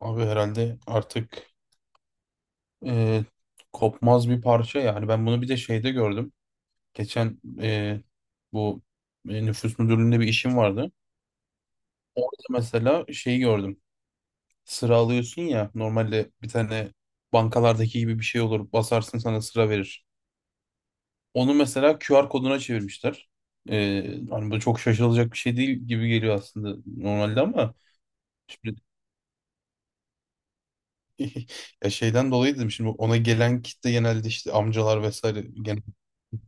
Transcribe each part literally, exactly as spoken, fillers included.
Abi herhalde artık e, kopmaz bir parça yani. Ben bunu bir de şeyde gördüm. Geçen e, bu e, nüfus müdürlüğünde bir işim vardı. Orada mesela şeyi gördüm. Sıra alıyorsun ya, normalde bir tane bankalardaki gibi bir şey olur. Basarsın, sana sıra verir. Onu mesela Q R koduna çevirmişler. E, Hani bu çok şaşılacak bir şey değil gibi geliyor aslında normalde ama şimdi ya şeyden dolayı dedim, şimdi ona gelen kitle genelde işte amcalar vesaire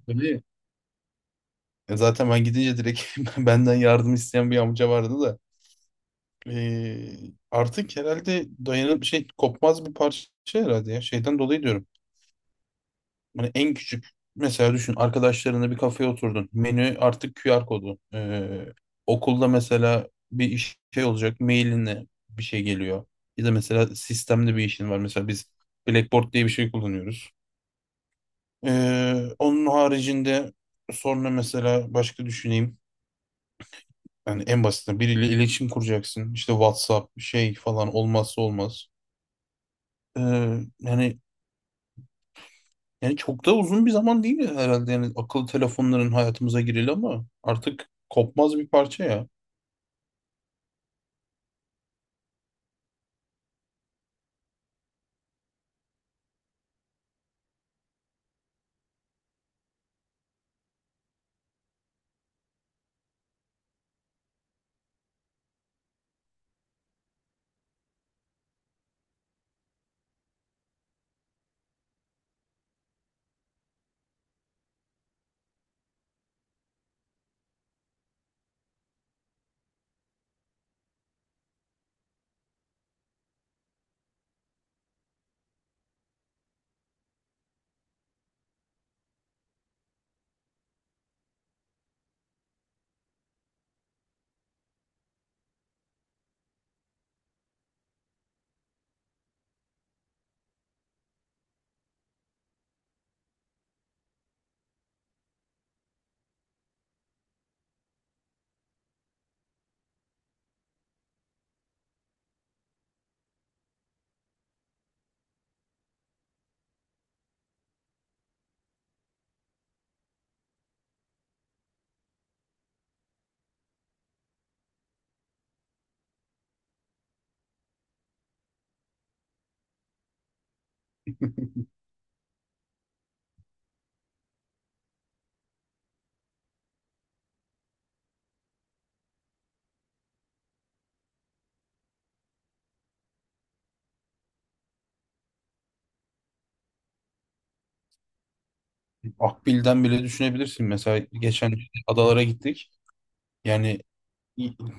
genelde. E, Zaten ben gidince direkt benden yardım isteyen bir amca vardı da. E, artık herhalde dayanıp şey, kopmaz bir parça herhalde ya. Şeyden dolayı diyorum. Hani en küçük, mesela düşün, arkadaşlarınla bir kafeye oturdun. Menü artık Q R kodu. E, okulda mesela bir iş şey olacak, mailinle bir şey geliyor. Ya da mesela sistemde bir işin var. Mesela biz Blackboard diye bir şey kullanıyoruz. E, Onun haricinde sonra mesela başka düşüneyim. Yani en basitinden, biriyle iletişim kuracaksın. İşte WhatsApp şey, falan olmazsa olmaz. Ee, yani yani çok da uzun bir zaman değil herhalde. Yani akıllı telefonların hayatımıza gireli, ama artık kopmaz bir parça ya. Akbil'den bile düşünebilirsin. Mesela geçen adalara gittik. Yani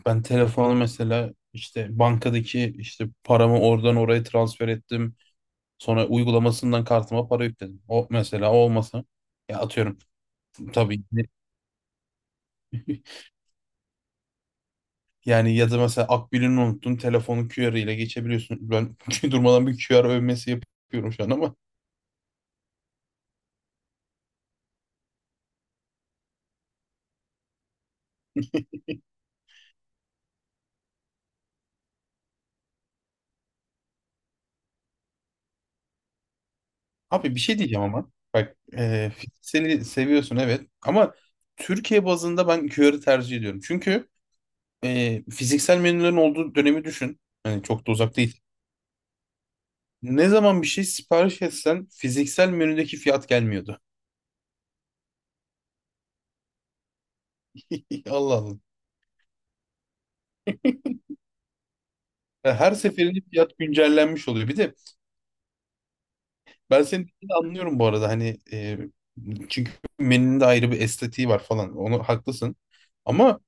ben telefonu mesela, işte bankadaki, işte paramı oradan oraya transfer ettim. Sonra uygulamasından kartıma para yükledim. O mesela, o olmasa ya atıyorum, tabii. Yani ya da mesela Akbil'ini unuttun, telefonu Q R ile geçebiliyorsun. Ben durmadan bir Q R övmesi yapıyorum şu an ama. Abi bir şey diyeceğim ama. Bak, e, fizikseli seviyorsun evet ama Türkiye bazında ben Q R'ı tercih ediyorum. Çünkü e, fiziksel menülerin olduğu dönemi düşün. Hani çok da uzak değil. Ne zaman bir şey sipariş etsen fiziksel menüdeki fiyat gelmiyordu. Allah Allah. Her seferinde fiyat güncellenmiş oluyor. Bir de ben seni, dediğini anlıyorum bu arada, hani e, çünkü menünün de ayrı bir estetiği var falan. Onu haklısın. Ama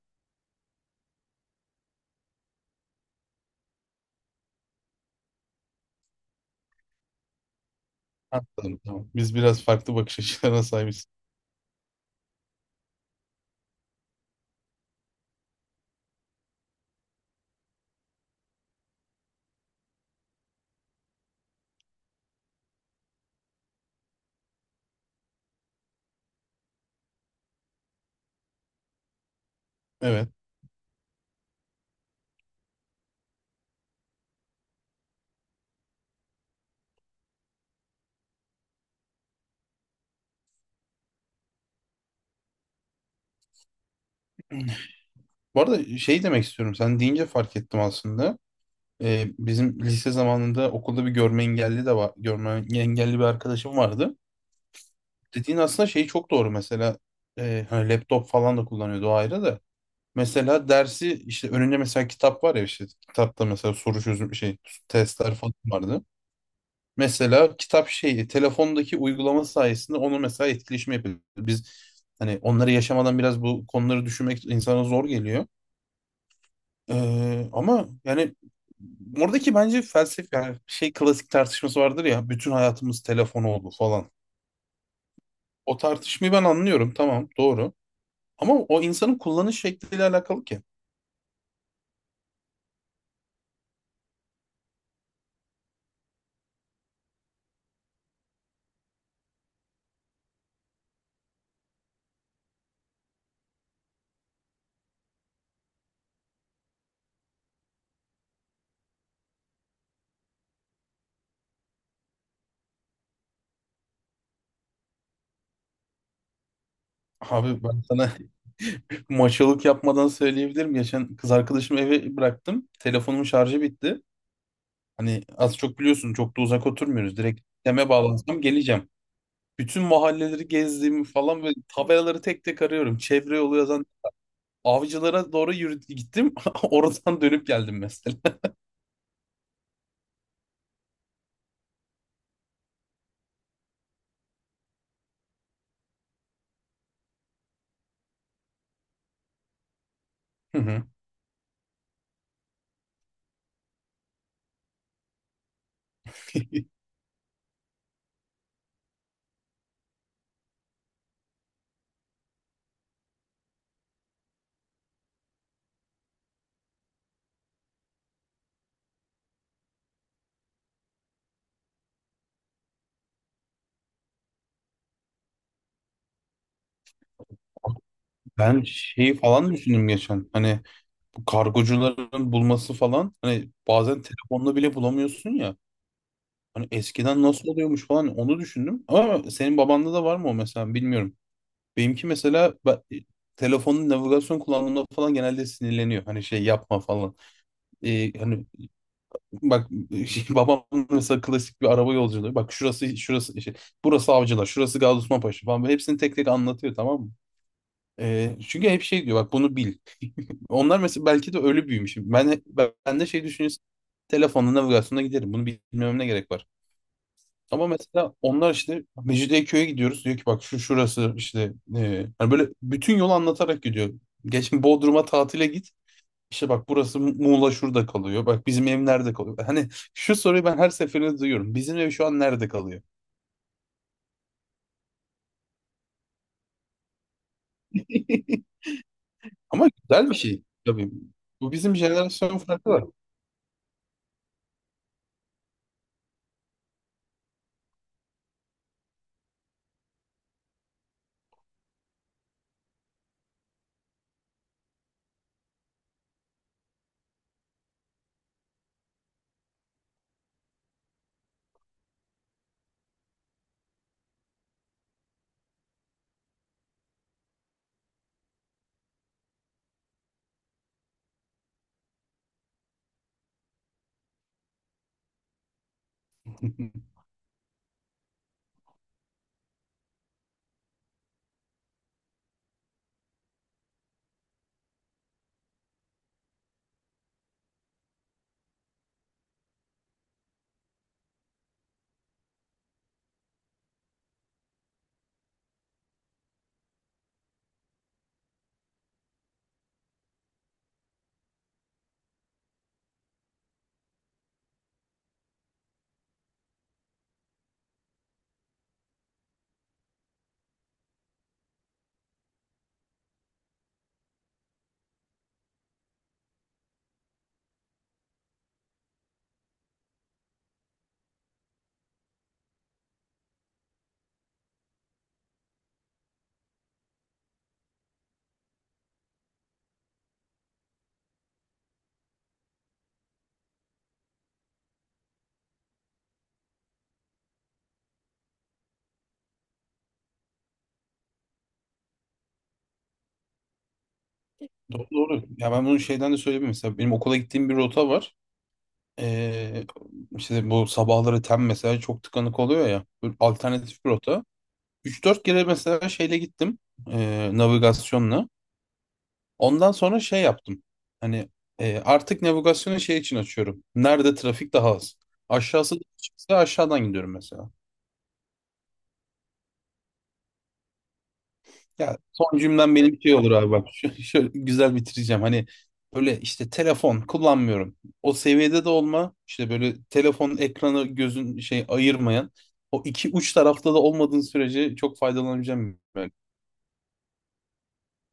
ha, tamam, tamam. Biz biraz farklı bakış açılarına sahibiz. Evet. Bu arada şey demek istiyorum. Sen deyince fark ettim aslında. E, bizim lise zamanında okulda bir görme engelli de var. Görme engelli bir arkadaşım vardı. Dediğin aslında şey, çok doğru. Mesela e, hani laptop falan da kullanıyordu, o ayrı da. Mesela dersi, işte önünde mesela kitap var ya, işte kitapta mesela soru çözüm şey, testler falan vardı. Mesela kitap şeyi, telefondaki uygulama sayesinde onu mesela etkileşim yapıyor. Biz hani onları yaşamadan biraz bu konuları düşünmek insana zor geliyor. Ee, ama yani oradaki bence felsefe, yani şey, klasik tartışması vardır ya, bütün hayatımız telefon oldu falan. O tartışmayı ben anlıyorum, tamam, doğru. Ama o insanın kullanış şekliyle alakalı ki. Abi ben sana maçalık yapmadan söyleyebilirim. Geçen kız arkadaşımı eve bıraktım. Telefonumun şarjı bitti. Hani az çok biliyorsun, çok da uzak oturmuyoruz. Direkt deme, bağlansam geleceğim. Bütün mahalleleri gezdiğim falan ve tabelaları tek tek arıyorum. Çevre yolu yazan avcılara doğru yürü gittim. Oradan dönüp geldim mesela. Hı hı. Ben şeyi falan düşündüm geçen. Hani bu kargocuların bulması falan. Hani bazen telefonla bile bulamıyorsun ya. Hani eskiden nasıl oluyormuş falan, onu düşündüm. Ama senin babanda da var mı o mesela, bilmiyorum. Benimki mesela, ben, e, telefonun navigasyon kullandığımda falan genelde sinirleniyor. Hani şey yapma falan. Ee, hani bak şey, babam mesela klasik bir araba yolculuğu. Bak şurası şurası, e, şey, burası Avcılar, şurası Gazi Osman Paşa falan. Böyle hepsini tek tek anlatıyor, tamam mı? Ee, çünkü hep şey diyor, bak bunu bil. Onlar mesela belki de öyle büyümüş. Ben, ben de şey düşünüyorsun. Telefonla navigasyona giderim. Bunu bilmem ne gerek var. Ama mesela onlar, işte Mecidiyeköy'e gidiyoruz. Diyor ki bak şu şurası işte, e, hani böyle bütün yolu anlatarak gidiyor. Geçen Bodrum'a tatile git. İşte bak, burası Mu- Muğla şurada kalıyor. Bak, bizim ev nerede kalıyor? Hani şu soruyu ben her seferinde duyuyorum. Bizim ev şu an nerede kalıyor? Ama güzel bir şey tabii. Bu bizim, jenerasyon farkı var. Doğru doğru. Ya ben bunu şeyden de söyleyeyim, mesela benim okula gittiğim bir rota var. Ee, işte bu sabahları tem mesela çok tıkanık oluyor ya. Böyle alternatif bir rota. Üç dört kere mesela şeyle gittim, e, navigasyonla. Ondan sonra şey yaptım. Hani e, artık navigasyonu şey için açıyorum, nerede trafik daha az. Aşağısı da çıksa aşağıdan gidiyorum mesela. Ya son cümlem benim şey olur abi, bak. Şö- Şöyle güzel bitireceğim. Hani böyle işte telefon kullanmıyorum. O seviyede de olma. İşte böyle telefon ekranı gözün şey ayırmayan. O iki uç tarafta da olmadığın sürece çok faydalanabileceğim bir